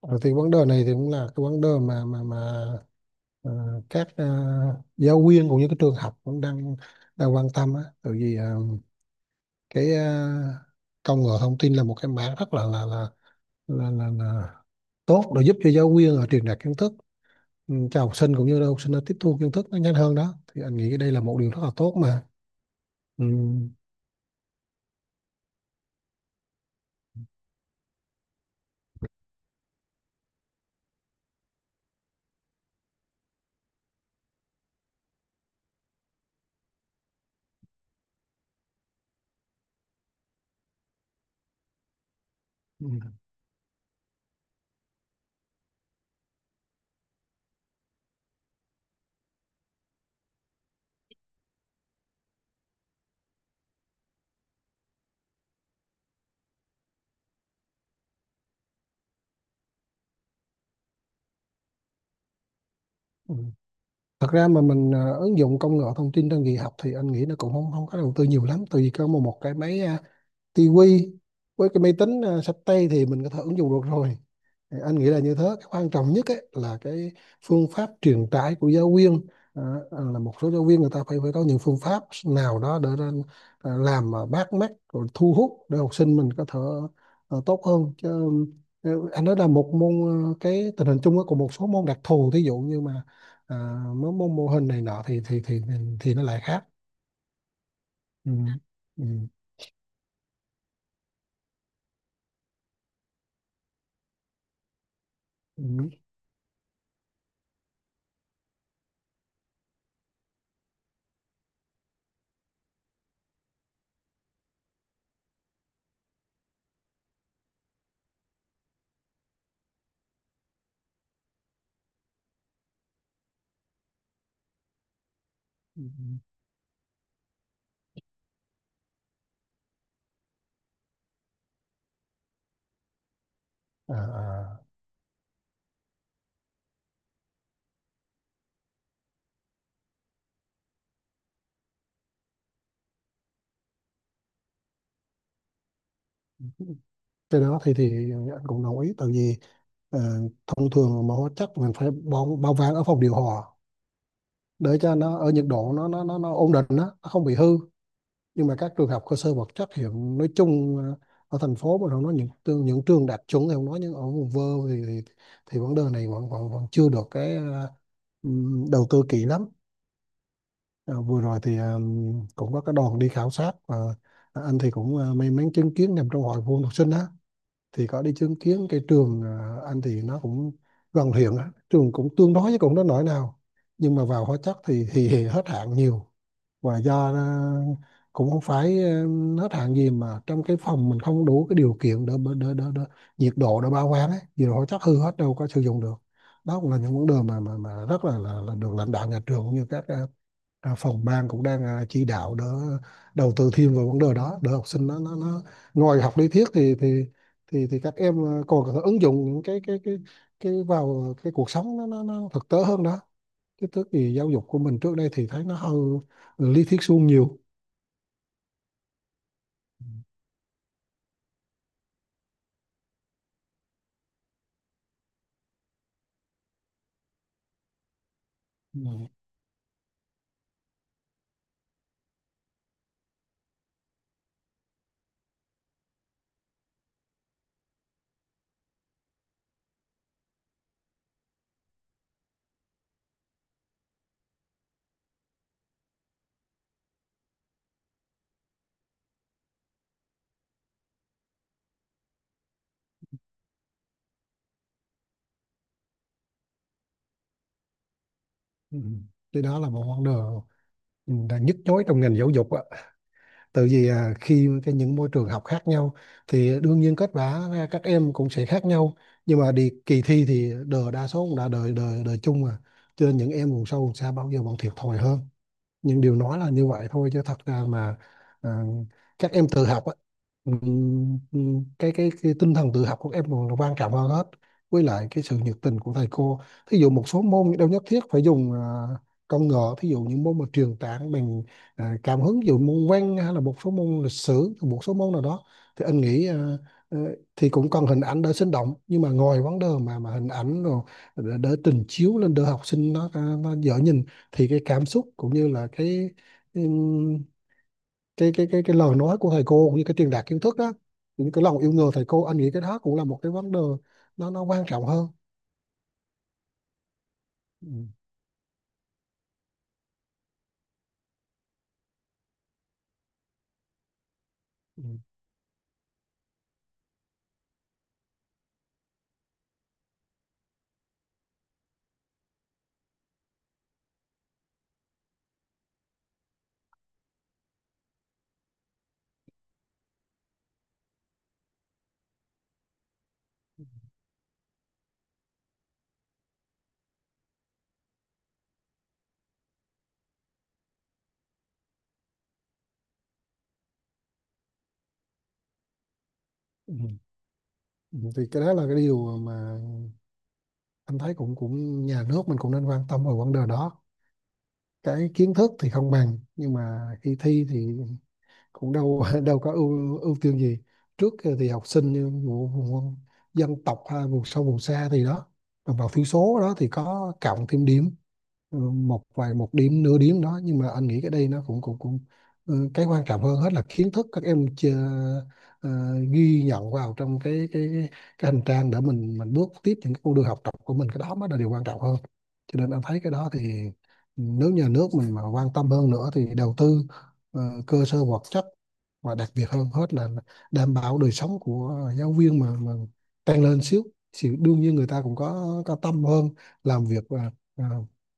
Ờ, thì vấn đề này thì cũng là cái vấn đề mà các giáo viên cũng như các trường học cũng đang đang quan tâm á, tại vì cái công nghệ thông tin là một cái mảng rất là tốt để giúp cho giáo viên ở truyền đạt kiến thức cho học sinh cũng như là học sinh nó tiếp thu kiến thức nó nhanh hơn đó. Thì anh nghĩ cái đây là một điều rất là tốt mà ừ. Ừ. Ừ. Thật ra mà mình ứng dụng công nghệ thông tin trong dạy học thì anh nghĩ nó cũng không không có đầu tư nhiều lắm, tại vì có một một cái máy tivi với cái máy tính xách tay thì mình có thể ứng dụng được rồi. Thì anh nghĩ là như thế, cái quan trọng nhất ấy, là cái phương pháp truyền tải của giáo viên. à, là một số giáo viên người ta phải phải có những phương pháp nào đó để ra, làm mà bắt mắt rồi thu hút để học sinh mình có thể tốt hơn chứ. Anh nói là một môn, cái tình hình chung á, của một số môn đặc thù, thí dụ như mà à, mấy môn mô hình này nọ thì nó lại khác. Ừ. Ừ. Ừ. Ừ. Ừ. À, à. Cái đó thì anh cũng đồng ý, tại vì ờ, thông thường mà hóa chất mình phải bao bao vàng ở phòng điều hòa để cho nó ở nhiệt độ nó ổn định đó, nó không bị hư. Nhưng mà các trường học cơ sở vật chất hiện nói chung, ở thành phố mà nó nói những trường đạt chuẩn thì không nói, nhưng ở vùng vơ thì thì, thì vấn đề này vẫn vẫn vẫn chưa được cái đầu tư kỹ lắm. Ờ, vừa rồi thì cũng có cái đoàn đi khảo sát, và anh thì cũng may mắn chứng kiến, nằm trong hội phụ huynh học sinh đó, thì có đi chứng kiến cái trường, anh thì nó cũng gần huyện á, trường cũng tương đối chứ cũng đó nổi nào. Nhưng mà vào hóa chất thì hết hạn nhiều, và do cũng không phải hết hạn gì, mà trong cái phòng mình không đủ cái điều kiện để nhiệt độ để bảo quản ấy, nhiệt độ hóa chất hư hết đâu có sử dụng được. Đó cũng là những vấn đề mà rất là là được lãnh đạo nhà trường cũng như các phòng ban cũng đang chỉ đạo đỡ đầu tư thêm vào vấn đề đó để học sinh nó ngoài học lý thuyết thì các em còn có thể ứng dụng những cái vào cái cuộc sống nó thực tế hơn đó. Cái tức thì giáo dục của mình trước đây thì thấy nó hơi lý thuyết suông nhiều. Ừ. Ừ. Thì đó là một vấn đề đang nhức nhối trong ngành giáo dục á, tại vì khi cái những môi trường học khác nhau thì đương nhiên kết quả ra các em cũng sẽ khác nhau, nhưng mà đi kỳ thi thì đời đa số cũng đã đời đời đời chung mà, cho nên những em vùng sâu vùng xa bao giờ vẫn thiệt thòi hơn. Nhưng điều nói là như vậy thôi, chứ thật ra mà à, các em tự học á. Cái tinh thần tự học của các em còn là quan trọng hơn hết, với lại cái sự nhiệt tình của thầy cô. Thí dụ một số môn đâu nhất thiết phải dùng công nghệ, thí dụ những môn mà truyền tảng bằng cảm hứng, ví dụ môn văn hay là một số môn lịch sử, một số môn nào đó thì anh nghĩ ờ, thì cũng cần hình ảnh đỡ sinh động, nhưng mà ngồi vấn đề mà hình ảnh rồi đỡ đỡ trình chiếu lên đỡ học sinh nó dở nhìn, thì cái cảm xúc cũng như là cái ừm, cái lời nói của thầy cô cũng như cái truyền đạt kiến thức đó, những cái lòng yêu nghề thầy cô, anh nghĩ cái đó cũng là một cái vấn đề nó quan trọng hơn. Ừ, ừ, ừ, ừ. Thì cái đó là cái điều mà anh thấy, cũng cũng nhà nước mình cũng nên quan tâm vào vấn đề đó. Cái kiến thức thì không bằng, nhưng mà khi thi thì cũng đâu đâu có ưu ưu tiên gì trước, thì học sinh như vùng dân tộc hay vùng sâu vùng xa thì đó, đồng bào thiểu số đó thì có cộng thêm điểm, một vài một điểm nửa điểm đó, nhưng mà anh nghĩ cái đây nó cũng cũng cũng cái quan trọng hơn hết là kiến thức các em chưa, ờ, ghi nhận vào trong cái hành trang để mình bước tiếp những cái con đường học tập của mình, cái đó mới là điều quan trọng hơn. Cho nên anh thấy cái đó thì nếu nhà nước mình mà quan tâm hơn nữa thì đầu tư ờ, cơ sở vật chất, và đặc biệt hơn hết là đảm bảo đời sống của giáo viên mà tăng lên xíu, thì đương nhiên người ta cũng có tâm hơn làm việc và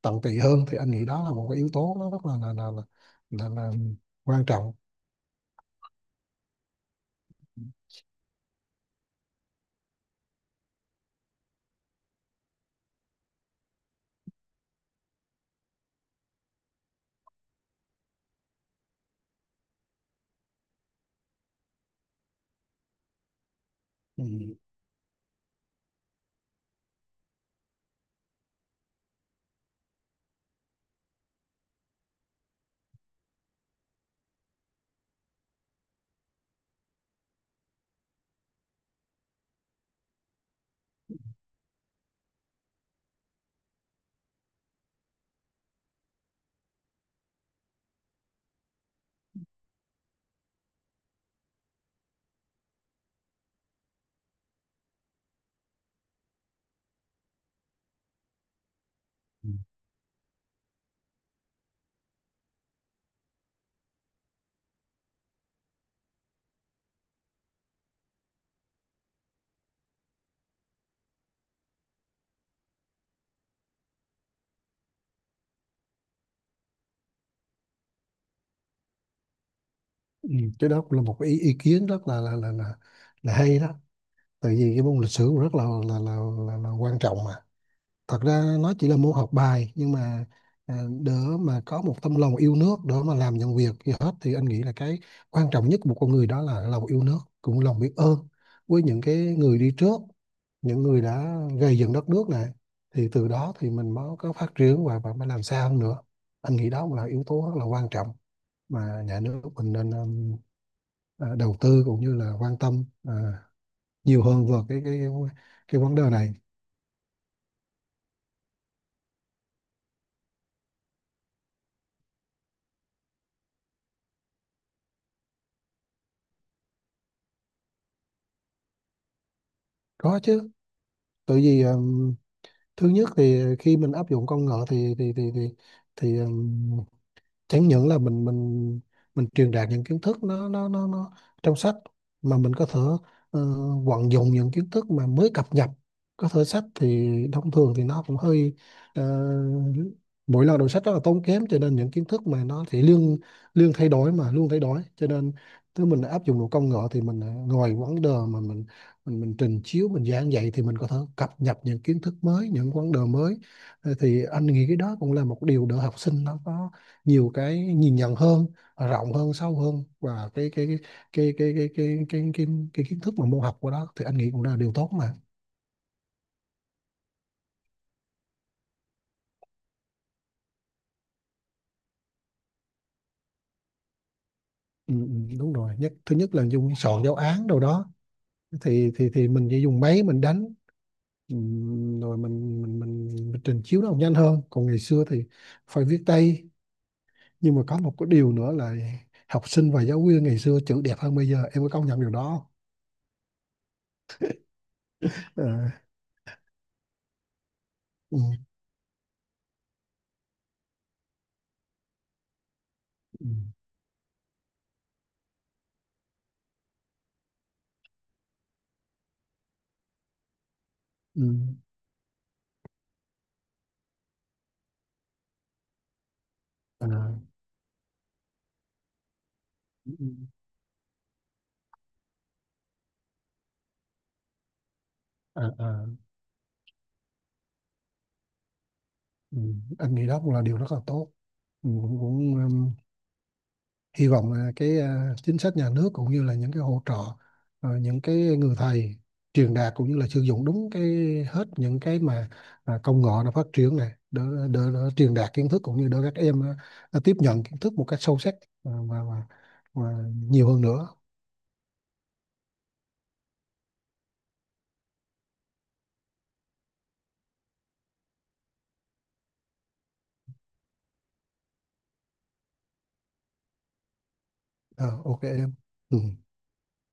tận tụy hơn, thì anh nghĩ đó là một cái yếu tố nó rất là quan trọng. Ừ. Ừ. Ừ. Cái đó cũng là một cái ý kiến rất là hay đó, tại vì cái môn lịch sử cũng rất là quan trọng mà. Thật ra nó chỉ là môn học bài, nhưng mà đỡ mà có một tấm lòng yêu nước đỡ mà làm những việc gì hết, thì anh nghĩ là cái quan trọng nhất của một con người đó là lòng yêu nước, cũng lòng biết ơn với những cái người đi trước, những người đã gây dựng đất nước này, thì từ đó thì mình mới có phát triển và mới làm sao hơn nữa. Anh nghĩ đó cũng là yếu tố rất là quan trọng mà nhà nước mình nên đầu tư cũng như là quan tâm nhiều hơn vào cái vấn đề này. Có chứ, tại vì thứ nhất thì khi mình áp dụng công nghệ thì chẳng những là mình truyền đạt những kiến thức nó trong sách, mà mình có thể ờ, vận dụng những kiến thức mà mới cập nhật. Có thể sách thì thông thường thì nó cũng hơi ờ, mỗi lần đọc sách rất là tốn kém, cho nên những kiến thức mà nó thì liên liên thay đổi mà luôn thay đổi, cho nên nếu mình áp dụng một công nghệ thì mình ngồi vấn đề mà mình trình chiếu mình giảng dạy thì mình có thể cập nhật những kiến thức mới, những vấn đề mới. Thì anh nghĩ cái đó cũng là một điều để học sinh nó có nhiều cái nhìn nhận hơn, rộng hơn, sâu hơn, và cái cái cái cái cái, cái, cái kiến thức mà môn học của đó thì anh nghĩ cũng là điều tốt mà. Ừ, ừ, đúng rồi, thứ nhất là dùng soạn giáo án đâu đó thì mình chỉ dùng máy mình đánh, ừ, rồi mình trình chiếu nó nhanh hơn. Còn ngày xưa thì phải viết tay, nhưng mà có một cái điều nữa là học sinh và giáo viên ngày xưa chữ đẹp hơn bây giờ, em có công nhận điều đó không? Ờ, ừ, ừ, ừ, à, ừ, à, à. Ừ, anh nghĩ đó cũng là điều rất là tốt. Ừ, cũng cũng hy vọng là cái chính sách nhà nước cũng như là những cái hỗ trợ những cái người thầy truyền đạt cũng như là sử dụng đúng cái hết những cái mà công nghệ nó phát triển này để, để truyền đạt kiến thức cũng như để các em tiếp nhận kiến thức một cách sâu sắc, à, và, và, và nhiều hơn nữa. Ờ, ok em ừ.